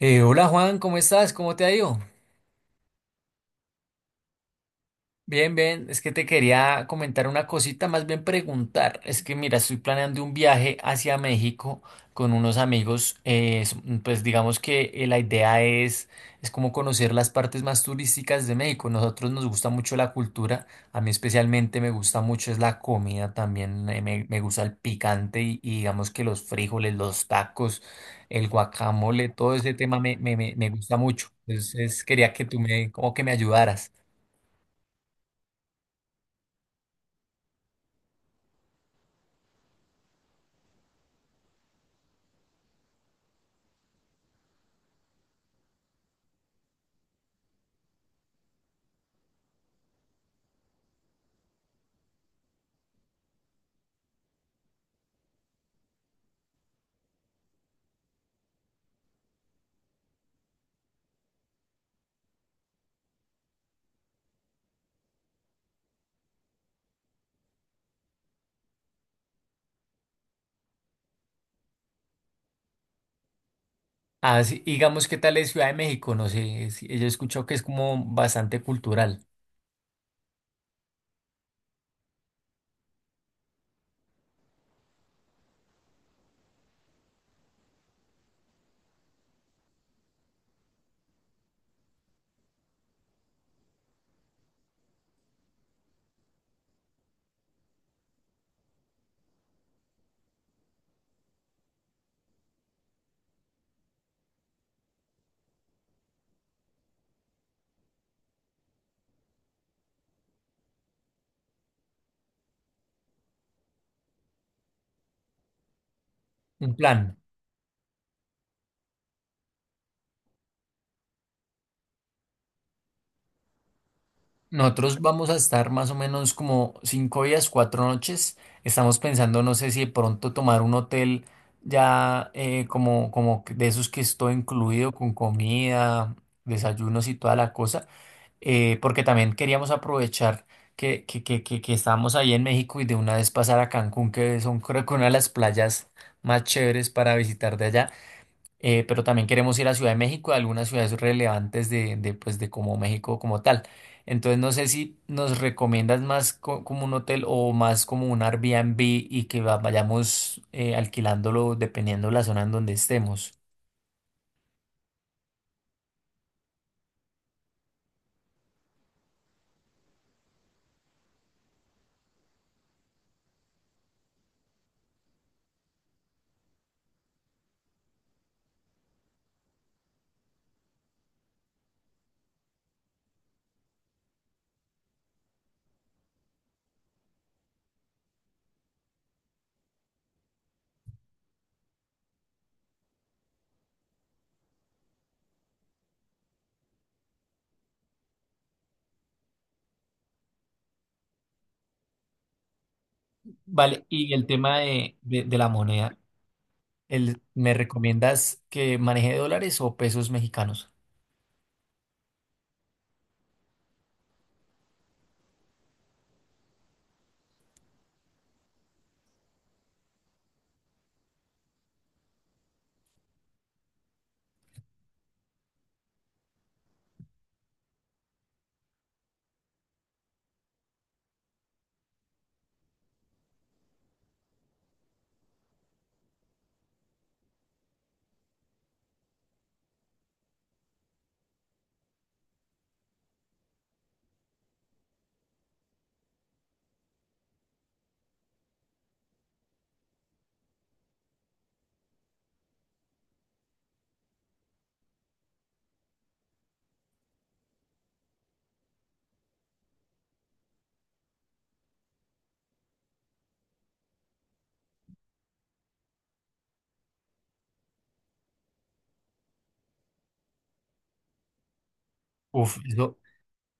Hola, Juan, ¿cómo estás? ¿Cómo te ha ido? Bien, bien, es que te quería comentar una cosita, más bien preguntar. Es que mira, estoy planeando un viaje hacia México con unos amigos. Pues digamos que la idea es como conocer las partes más turísticas de México. Nosotros nos gusta mucho la cultura, a mí especialmente me gusta mucho es la comida también, me gusta el picante y digamos que los frijoles, los tacos, el guacamole, todo ese tema me gusta mucho. Entonces quería que tú me, como que me ayudaras. Ah, sí, digamos, ¿qué tal es Ciudad de México? No sé, yo he escuchado que es como bastante cultural. Un plan. Nosotros vamos a estar más o menos como cinco días, cuatro noches. Estamos pensando, no sé si de pronto tomar un hotel ya como, como que de esos que es todo incluido con comida, desayunos y toda la cosa, porque también queríamos aprovechar que estábamos ahí en México y de una vez pasar a Cancún, que son creo que una de las playas más chéveres para visitar de allá. Pero también queremos ir a Ciudad de México, a algunas ciudades relevantes pues, de como México como tal. Entonces no sé si nos recomiendas más como un hotel o más como un Airbnb y que vayamos alquilándolo dependiendo la zona en donde estemos. Vale, y el tema de la moneda, el, ¿me recomiendas que maneje dólares o pesos mexicanos? Uf, eso,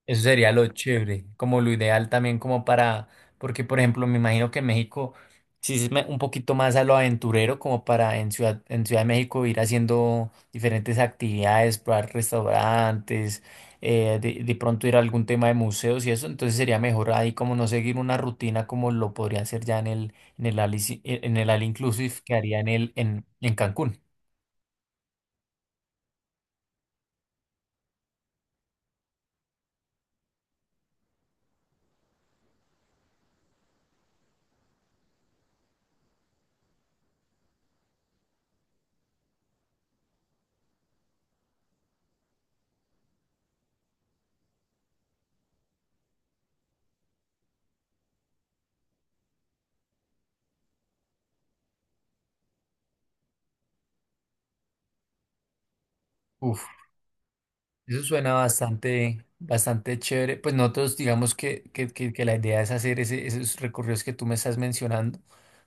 Eso sería lo chévere, como lo ideal también como para, porque por ejemplo me imagino que México sí es un poquito más a lo aventurero como para en en Ciudad de México ir haciendo diferentes actividades, probar restaurantes, de pronto ir a algún tema de museos y eso, entonces sería mejor ahí como no seguir una rutina como lo podría hacer ya en el All Inclusive que haría en Cancún. Uf. Eso suena bastante, bastante chévere. Pues nosotros digamos que la idea es hacer esos recorridos que tú me estás mencionando,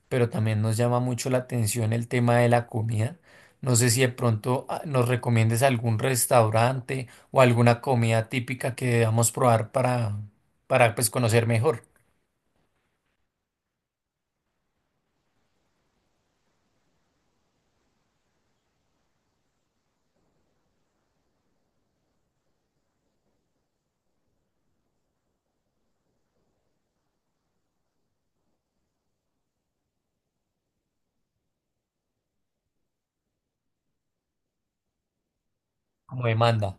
pero también nos llama mucho la atención el tema de la comida. No sé si de pronto nos recomiendes algún restaurante o alguna comida típica que debamos probar para pues, conocer mejor, como demanda.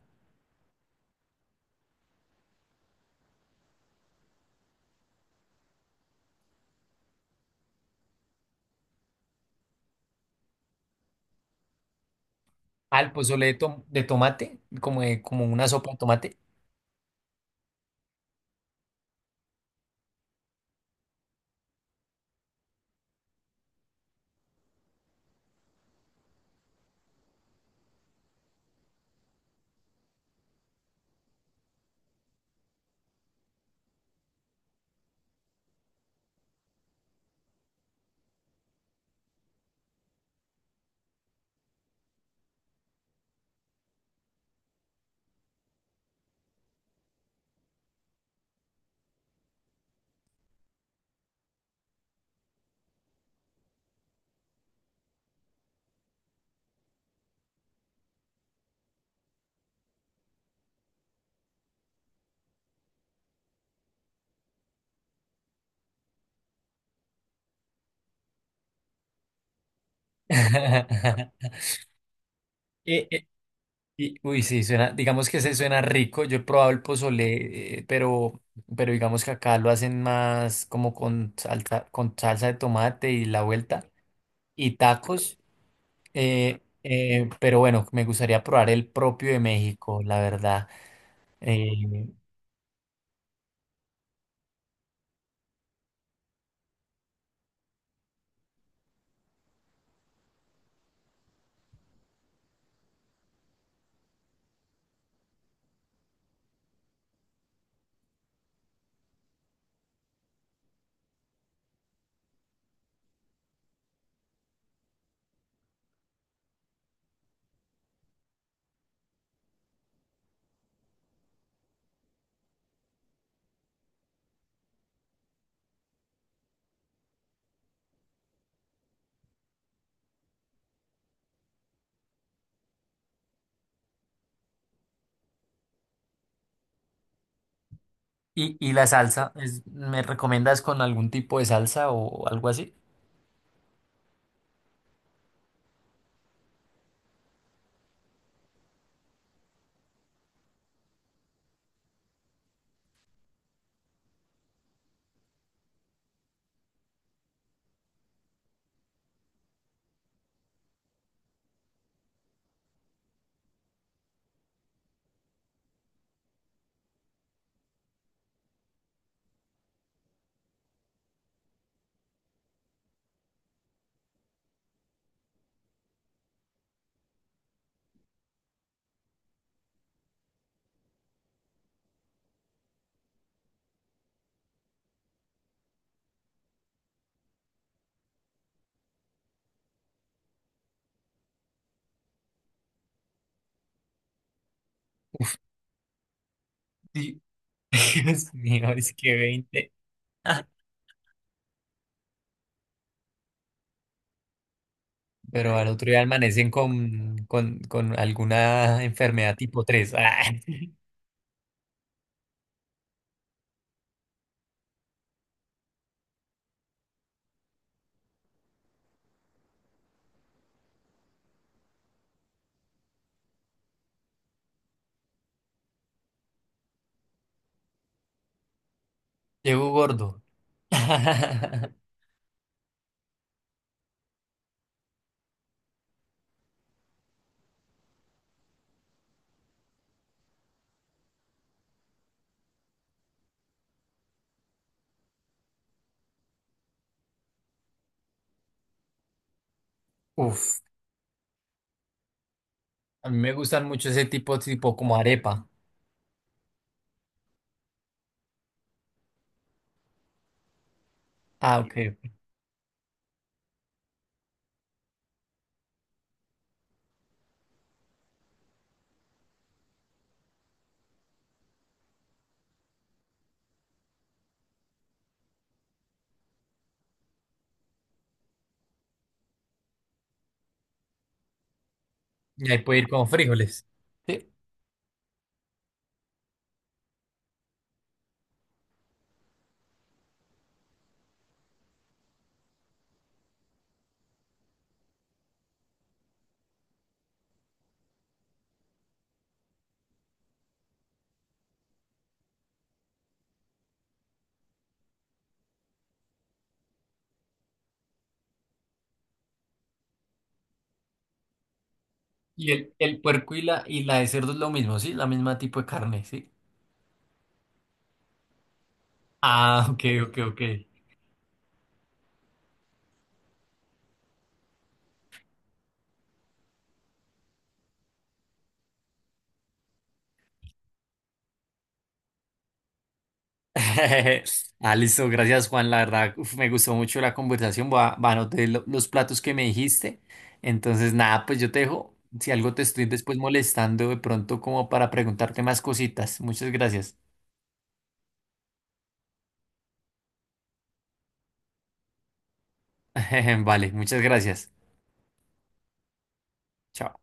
Al pozole de, de tomate, como, como una sopa de tomate. Eh, eh, Y, uy, sí, suena, digamos que se suena rico. Yo he probado el pozole, pero digamos que acá lo hacen más como con salsa de tomate y la vuelta y tacos. Pero bueno, me gustaría probar el propio de México, la verdad. Eh, y, y la salsa, ¿me recomiendas con algún tipo de salsa o algo así? Sí. Dios mío, es que 20. Pero al otro día amanecen con alguna enfermedad tipo tres. ¡Ah! Llego gordo. Uf, a mí me gustan mucho ese tipo, tipo como arepa. Ah, ok. Y ahí puede ir con frijoles. Sí. Y el puerco y la de cerdo es lo mismo, ¿sí? La misma tipo de carne, ¿sí? Ah, ok, ok, ok. Ah, listo, gracias, Juan, la verdad uf, me gustó mucho la conversación, voy a, voy a anotar los platos que me dijiste, entonces nada, pues yo te dejo, si algo te estoy después molestando de pronto como para preguntarte más cositas, muchas gracias, vale, muchas gracias. Chao.